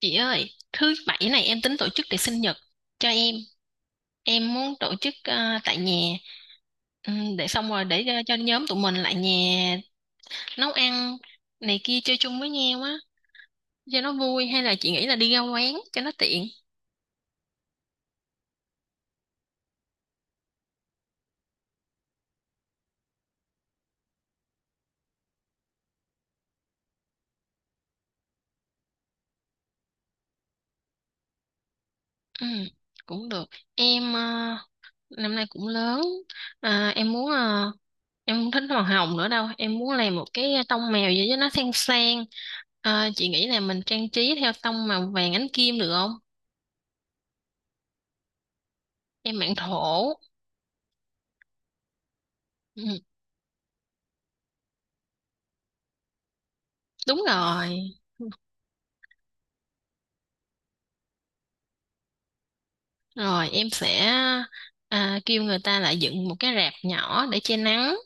Chị ơi, thứ bảy này em tính tổ chức tiệc sinh nhật cho em. Em muốn tổ chức tại nhà. Để xong rồi để cho nhóm tụi mình lại nhà nấu ăn này kia chơi chung với nhau á cho nó vui, hay là chị nghĩ là đi ra quán cho nó tiện. Ừm, Cũng được. Em năm nay cũng lớn. À, em muốn em không thích màu hồng nữa đâu. Em muốn làm một cái tông mèo gì cho nó sang sang. Ờ, chị nghĩ là mình trang trí theo tông màu vàng ánh kim được không? Em mạng thổ. Ừ. Đúng rồi. Rồi em sẽ kêu người ta lại dựng một cái rạp nhỏ để che nắng.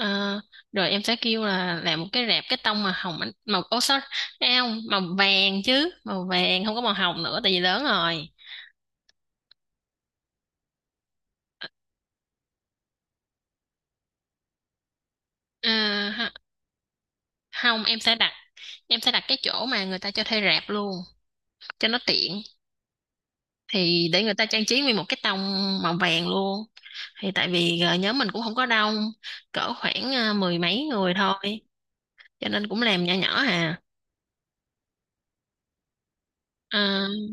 Ờ, rồi em sẽ kêu là làm một cái rạp cái tông màu hồng màu ô sorry, à, không, màu vàng chứ, màu vàng không có màu hồng nữa tại vì lớn rồi. À, ha- không em sẽ đặt, em sẽ đặt cái chỗ mà người ta cho thuê rạp luôn cho nó tiện, thì để người ta trang trí nguyên một cái tông màu vàng luôn. Thì tại vì nhóm mình cũng không có đông, cỡ khoảng mười mấy người thôi cho nên cũng làm nhỏ nhỏ à. À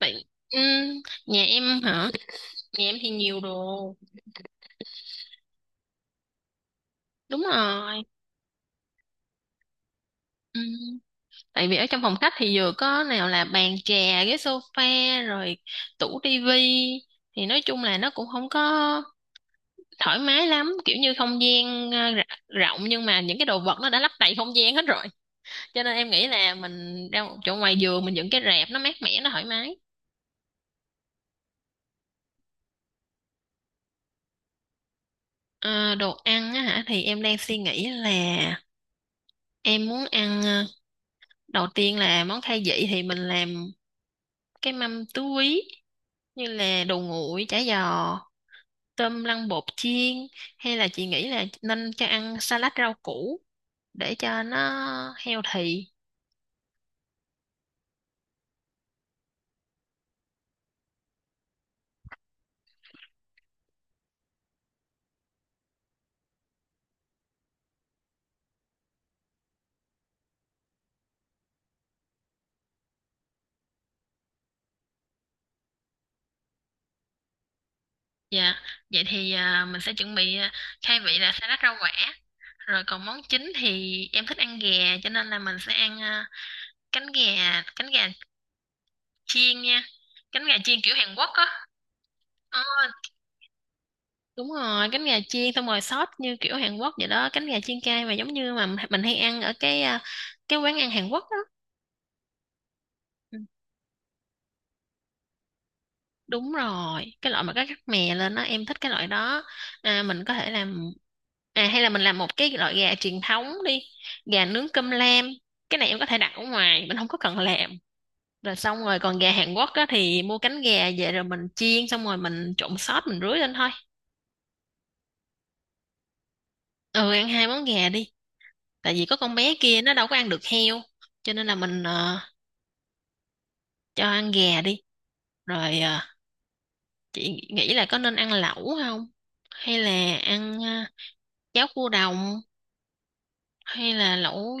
vậy, ừ, nhà em hả? Nhà em thì nhiều đồ, đúng rồi. Ừ, tại vì ở trong phòng khách thì vừa có nào là bàn trà, ghế sofa, rồi tủ tivi, thì nói chung là nó cũng không có thoải mái lắm, kiểu như không gian rộng nhưng mà những cái đồ vật nó đã lấp đầy không gian hết rồi, cho nên em nghĩ là mình ra một chỗ ngoài giường mình dựng cái rạp nó mát mẻ nó thoải mái. Ờ, đồ ăn á hả, thì em đang suy nghĩ là em muốn ăn đầu tiên là món khai vị thì mình làm cái mâm tứ quý như là đồ nguội, chả giò, tôm lăn bột chiên, hay là chị nghĩ là nên cho ăn salad rau củ để cho nó healthy. Dạ, vậy thì à, mình sẽ chuẩn bị à, khai vị là salad rau quả. Rồi còn món chính thì em thích ăn gà, cho nên là mình sẽ ăn à, cánh gà chiên nha. Cánh gà chiên kiểu Hàn Quốc á. Ờ, đúng rồi, cánh gà chiên xong rồi sốt như kiểu Hàn Quốc vậy đó, cánh gà chiên cay mà giống như mà mình hay ăn ở cái à, cái quán ăn Hàn Quốc đó. Ừ, đúng rồi, cái loại mà có rắc mè lên đó, em thích cái loại đó. À, mình có thể làm à, hay là mình làm một cái loại gà truyền thống đi, gà nướng cơm lam. Cái này em có thể đặt ở ngoài, mình không có cần làm. Rồi xong rồi còn gà Hàn Quốc đó thì mua cánh gà về rồi mình chiên xong rồi mình trộn sốt mình rưới lên thôi. Ừ, ăn hai món gà đi, tại vì có con bé kia nó đâu có ăn được heo cho nên là mình cho ăn gà đi. Rồi à, chị nghĩ là có nên ăn lẩu không, hay là ăn à, cháo cua đồng, hay là lẩu?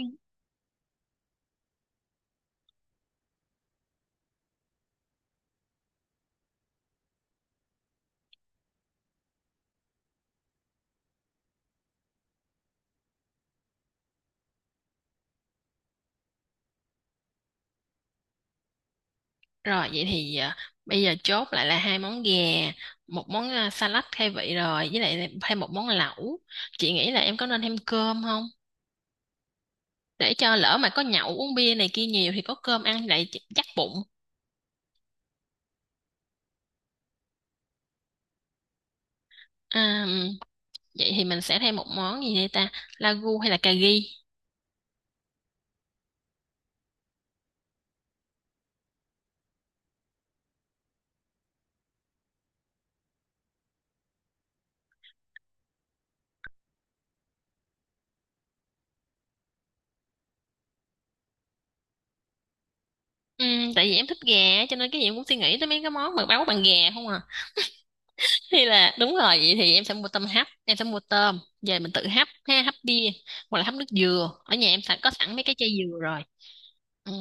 Rồi vậy thì à, bây giờ chốt lại là hai món gà, một món à, salad khai vị, rồi với lại thêm một món lẩu. Chị nghĩ là em có nên thêm cơm không, để cho lỡ mà có nhậu uống bia này kia nhiều thì có cơm ăn lại chắc bụng. À, vậy thì mình sẽ thêm một món gì đây ta, lagu hay là cà ri? Ừ, tại vì em thích gà cho nên cái gì em cũng suy nghĩ tới mấy cái món mà nấu bằng gà không à, thì là đúng rồi, vậy thì em sẽ mua tôm hấp, em sẽ mua tôm về mình tự hấp ha, hấp bia hoặc là hấp nước dừa, ở nhà em sẵn có sẵn mấy cái chai dừa rồi. Ừ.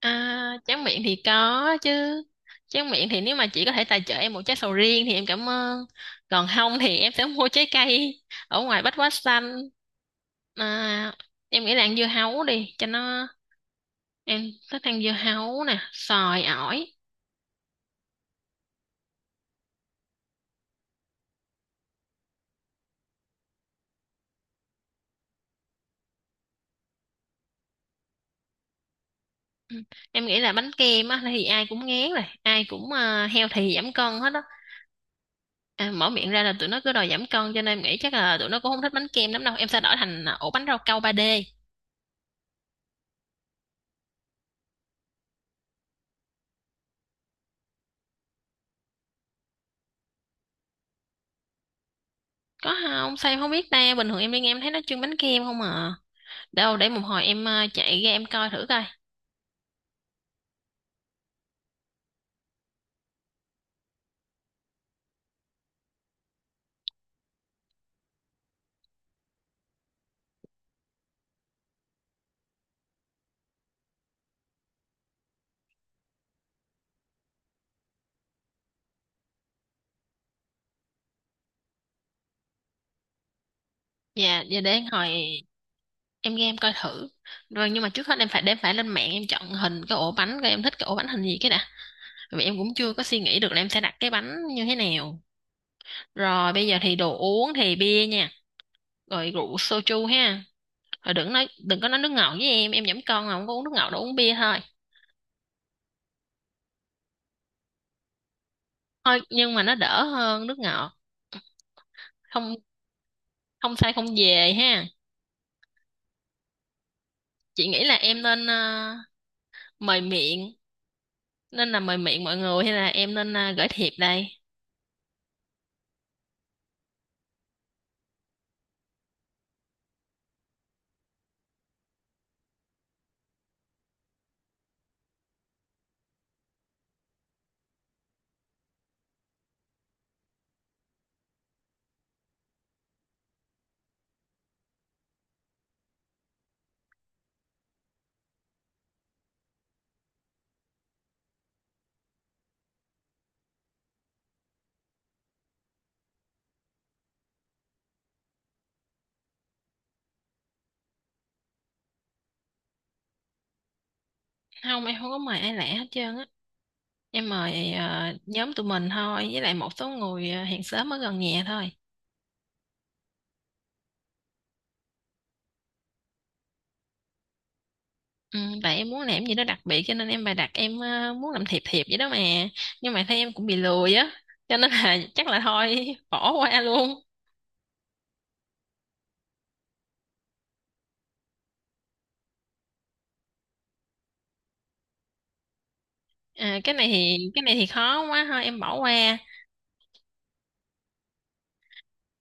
À, tráng miệng thì có chứ. Tráng miệng thì nếu mà chị có thể tài trợ em một trái sầu riêng thì em cảm ơn, còn không thì em sẽ mua trái cây ở ngoài Bách Hóa Xanh. À, em nghĩ là ăn dưa hấu đi cho nó, em thích ăn dưa hấu nè, xoài, ổi. Ừ. Em nghĩ là bánh kem á thì ai cũng ngán rồi, ai cũng healthy giảm cân hết á. À, mở miệng ra là tụi nó cứ đòi giảm cân cho nên em nghĩ chắc là tụi nó cũng không thích bánh kem lắm đâu, em sẽ đổi thành à, ổ bánh rau câu 3D. Có không sao em không biết ta, bình thường em đi nghe em thấy nó trưng bánh kem không à, đâu để một hồi em à, chạy ra em coi thử coi. Dạ dạ, để hồi em ra em coi thử. Rồi nhưng mà trước hết em phải để phải lên mạng em chọn hình cái ổ bánh coi em thích cái ổ bánh hình gì cái đã, vì em cũng chưa có suy nghĩ được là em sẽ đặt cái bánh như thế nào. Rồi bây giờ thì đồ uống thì bia nha, rồi rượu soju ha. Thôi đừng nói đừng có nói nước ngọt với em giảm cân mà không có uống nước ngọt đâu, uống bia thôi. Thôi nhưng mà nó đỡ hơn nước ngọt. Không, không sai không về ha. Chị nghĩ là em nên mời miệng, nên là mời miệng mọi người hay là em nên gửi thiệp đây. Không, em không có mời ai lạ hết trơn á. Em mời nhóm tụi mình thôi với lại một số người hàng xóm ở gần nhà thôi. Ừ, tại em muốn làm gì đó đặc biệt cho nên em bày đặt em muốn làm thiệp thiệp vậy đó mà, nhưng mà thấy em cũng bị lười á cho nên là chắc là thôi bỏ qua luôn. À, cái này thì khó quá thôi em bỏ qua.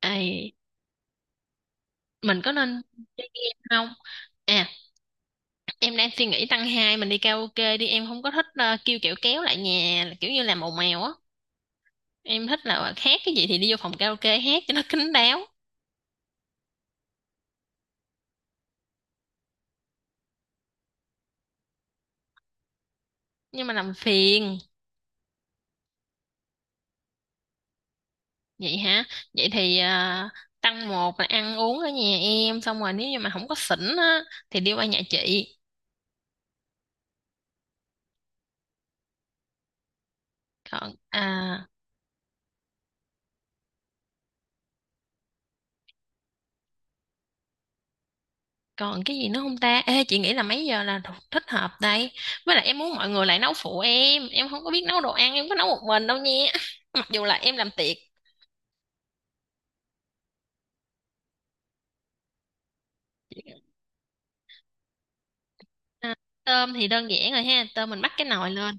À, mình có nên chơi game không? À, em đang suy nghĩ tăng hai mình đi karaoke đi, em không có thích kêu kiểu kéo lại nhà là kiểu như làm ồn ào á. Em thích là hát cái gì thì đi vô phòng karaoke hát cho nó kín đáo, nhưng mà làm phiền. Vậy hả? Vậy thì ờ, tăng một là ăn uống ở nhà em xong rồi nếu như mà không có xỉn á thì đi qua nhà chị. Còn à, còn cái gì nữa không ta? Ê, chị nghĩ là mấy giờ là thích hợp đây? Với lại em muốn mọi người lại nấu phụ em. Em không có biết nấu đồ ăn, em có nấu một mình đâu nha. Mặc dù là em làm tiệc. À, tôm thì đơn giản rồi ha. Tôm mình bắt cái nồi lên.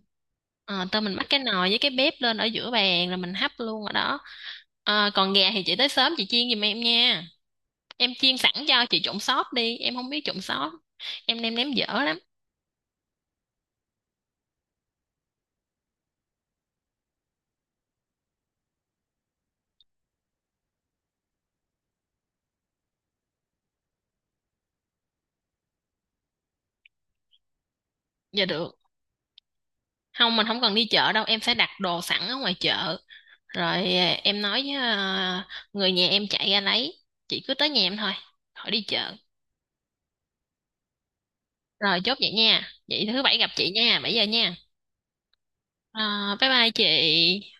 Ờ, tôm mình bắt cái nồi với cái bếp lên ở giữa bàn rồi mình hấp luôn ở đó. Ờ, còn gà thì chị tới sớm chị chiên giùm em nha. Em chiên sẵn cho chị trộn sốt đi. Em không biết trộn sốt. Em nêm nếm dở lắm. Dạ được. Không, mình không cần đi chợ đâu. Em sẽ đặt đồ sẵn ở ngoài chợ. Rồi à, em nói với à, người nhà em chạy ra lấy. Chị cứ tới nhà em thôi. Khỏi đi chợ. Rồi chốt vậy nha. Vậy thứ bảy gặp chị nha. 7 giờ nha. À, bye bye chị.